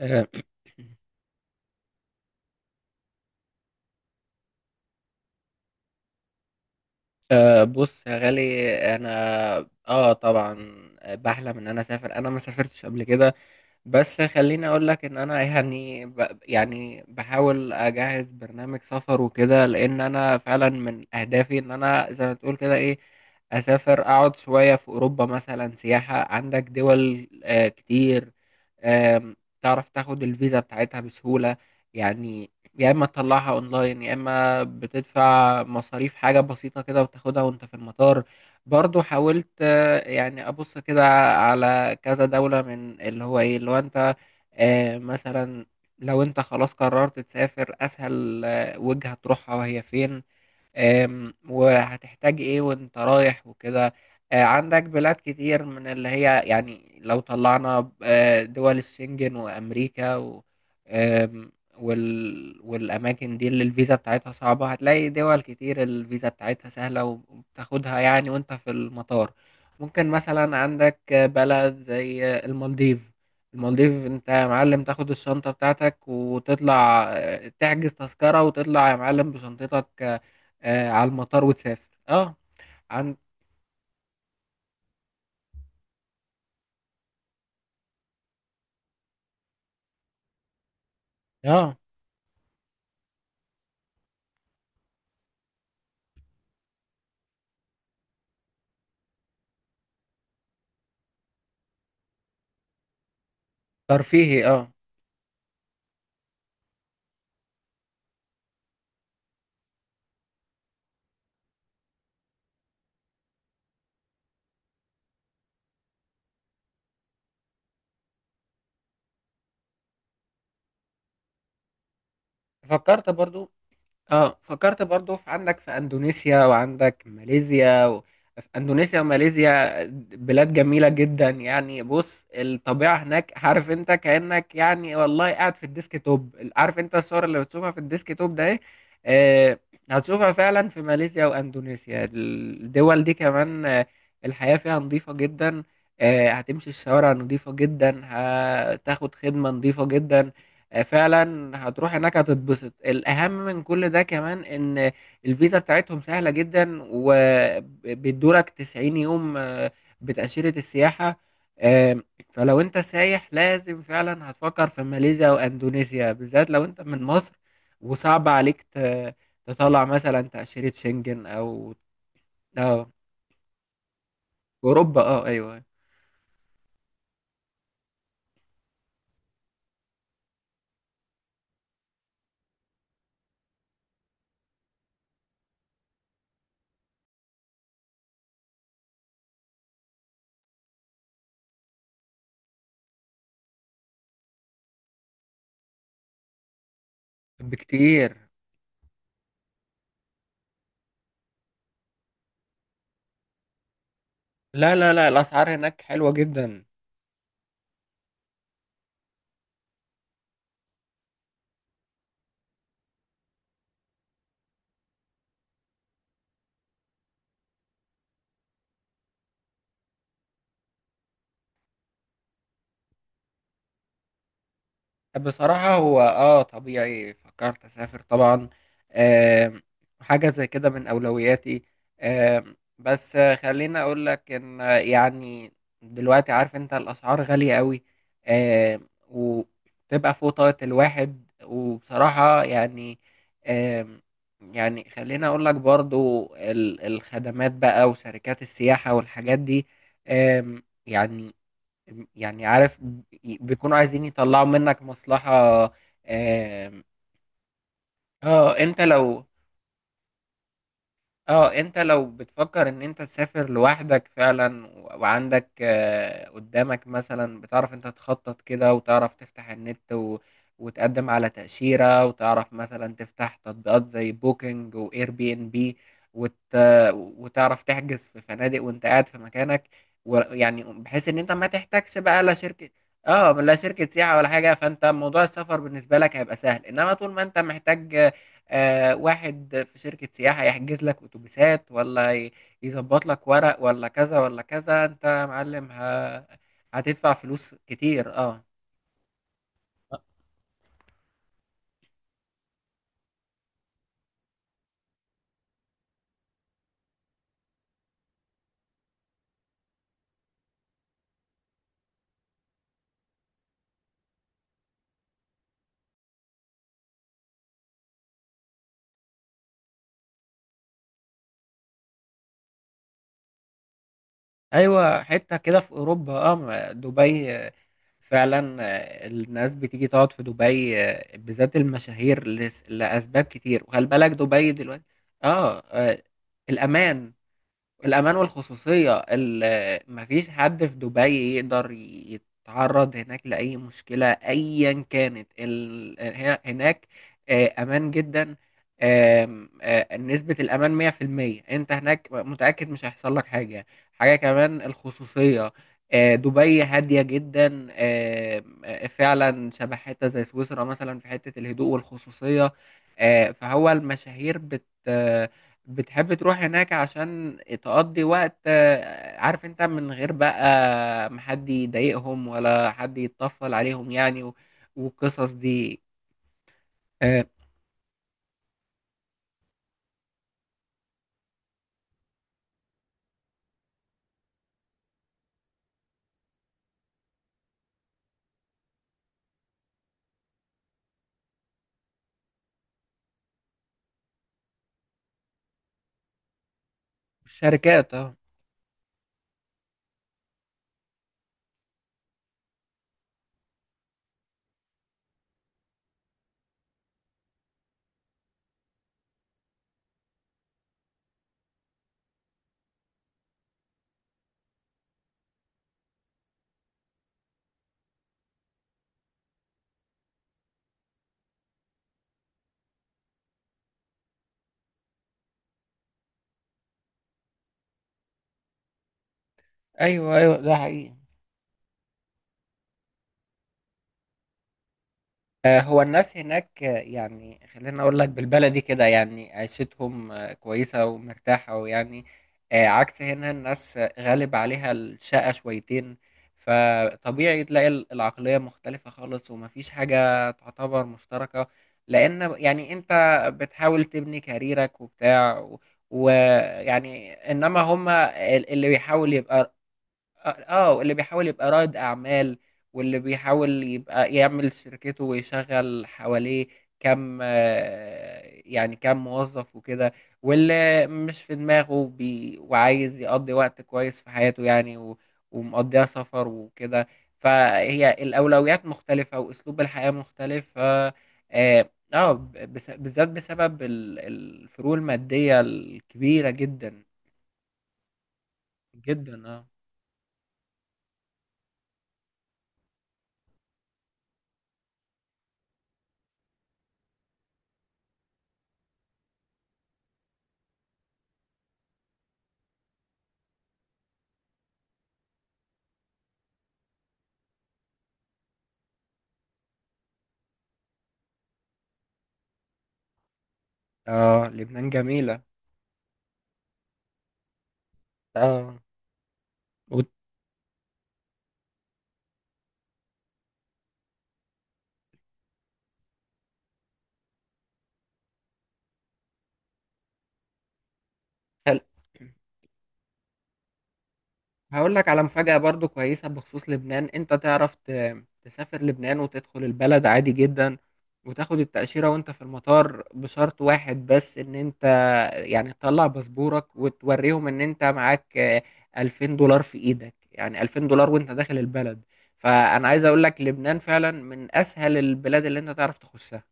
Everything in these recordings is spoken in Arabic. أه أه بص يا غالي، انا اه طبعا، بحلم ان انا اسافر. انا ما سافرتش قبل كده، بس خليني اقول لك ان انا يعني بحاول اجهز برنامج سفر وكده، لان انا فعلا من اهدافي ان انا زي ما تقول كده ايه، اسافر اقعد شوية في اوروبا مثلا سياحة. عندك دول كتير، آم، تعرف تاخد الفيزا بتاعتها بسهولة. يعني يا اما تطلعها اونلاين يا اما بتدفع مصاريف حاجة بسيطة كده وتاخدها وانت في المطار. برضو حاولت يعني ابص كده على كذا دولة من اللي هو انت. مثلا لو انت خلاص قررت تسافر، اسهل وجهة تروحها وهي فين؟ وهتحتاج ايه وانت رايح وكده. عندك بلاد كتير من اللي هي، يعني لو طلعنا دول الشنجن وامريكا و آم، وال والاماكن دي اللي الفيزا بتاعتها صعبة، هتلاقي دول كتير الفيزا بتاعتها سهلة وبتاخدها يعني وانت في المطار. ممكن مثلا عندك بلد زي المالديف. المالديف انت يا معلم تاخد الشنطة بتاعتك وتطلع، تحجز تذكرة وتطلع يا معلم بشنطتك على المطار وتسافر. اه عن اه ترفيهي. اه فكرت برضو اه فكرت برضو في عندك في اندونيسيا وعندك ماليزيا في اندونيسيا وماليزيا، بلاد جميلة جدا. يعني بص الطبيعة هناك، عارف انت كأنك يعني والله قاعد في الديسك توب. عارف انت الصور اللي بتشوفها في الديسك توب ده ايه؟ آه هتشوفها فعلا في ماليزيا واندونيسيا. الدول دي كمان، الحياة فيها نظيفة جدا. هتمشي الشوارع نظيفة جدا، هتاخد خدمة نظيفة جدا. فعلا هتروح هناك هتتبسط. الأهم من كل ده كمان إن الفيزا بتاعتهم سهلة جدا، وبيدولك 90 يوم بتأشيرة السياحة. آم، فلو أنت سايح لازم فعلا هتفكر في ماليزيا وأندونيسيا، بالذات لو أنت من مصر وصعب عليك تطلع مثلا تأشيرة شنجن أو أوروبا. أيوه، بكتير. لا لا لا، الأسعار هناك حلوة جدا. بصراحة هو طبيعي فكرت اسافر طبعا. آم، حاجة زي كده من اولوياتي. بس خليني اقول لك ان يعني دلوقتي عارف انت الاسعار غالية قوي. وتبقى فوق طاقة الواحد، وبصراحة يعني آم، يعني خليني اقول لك برضو الخدمات بقى وشركات السياحة والحاجات دي. يعني، يعني عارف بيكونوا عايزين يطلعوا منك مصلحة. آم، اه انت لو اه انت لو بتفكر ان انت تسافر لوحدك فعلا وعندك قدامك، مثلا بتعرف انت تخطط كده وتعرف تفتح النت وتقدم على تأشيرة وتعرف مثلا تفتح تطبيقات زي بوكينج واير بي ان بي، وت... وتعرف تحجز في فنادق وانت قاعد في مكانك. ويعني بحيث ان انت ما تحتاجش بقى لا شركة، اه لا شركة سياحة ولا حاجة. فانت موضوع السفر بالنسبة لك هيبقى سهل، انما طول ما انت محتاج واحد في شركة سياحة يحجز لك أتوبيسات، ولا يظبط لك ورق، ولا كذا ولا كذا، أنت يا معلم هتدفع فلوس كتير. أيوة، حتة كده في أوروبا، دبي فعلا. الناس بتيجي تقعد في دبي، بالذات المشاهير، لأسباب كتير. وخلي بالك دبي دلوقتي، أه آه، الأمان الأمان والخصوصية. مفيش حد في دبي يقدر يتعرض هناك لأي مشكلة أيا كانت، هناك أمان جدا. آم، آه، نسبة الأمان 100%، أنت هناك متأكد مش هيحصل لك حاجة. حاجة كمان الخصوصية، دبي هادية جدا. آم، آه، فعلا شبه حتة زي سويسرا مثلا في حتة الهدوء والخصوصية. فهو المشاهير بتحب تروح هناك عشان تقضي وقت، عارف انت، من غير بقى ما حد يضايقهم ولا حد يتطفل عليهم يعني والقصص دي. آه، الشركات. اه ايوه ايوه ده حقيقي. هو الناس هناك، يعني خلينا اقول لك بالبلدي كده، يعني عيشتهم كويسة ومرتاحة ويعني عكس هنا الناس غالب عليها الشقة شويتين، فطبيعي تلاقي العقلية مختلفة خالص ومفيش حاجة تعتبر مشتركة. لان يعني انت بتحاول تبني كاريرك وبتاع، ويعني انما هما اللي بيحاول يبقى اللي بيحاول يبقى رائد اعمال، واللي بيحاول يبقى يعمل شركته ويشغل حواليه كم، يعني كم موظف وكده. واللي مش في دماغه بي وعايز يقضي وقت كويس في حياته يعني ومقضيها سفر وكده. فهي الأولويات مختلفة وأسلوب الحياة مختلف، ف اه آه، بس- بالذات بسبب الفروق المادية الكبيرة جدا جدا. اه اه لبنان جميلة. اه وتل... هقول لك على مفاجأة برضو كويسة بخصوص لبنان. انت تعرف تسافر لبنان وتدخل البلد عادي جدا، وتاخد التأشيرة وانت في المطار، بشرط واحد بس ان انت يعني تطلع باسبورك وتوريهم ان انت معاك 2000 دولار في ايدك. يعني 2000 دولار وانت داخل البلد. فأنا عايز اقول لك لبنان فعلا من اسهل البلاد اللي انت تعرف تخشها.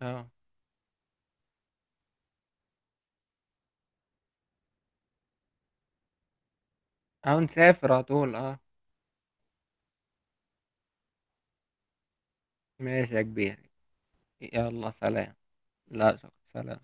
اه اه نسافر على طول. اه ماشي يا كبير، يلا سلام. لا شكرا، سلام.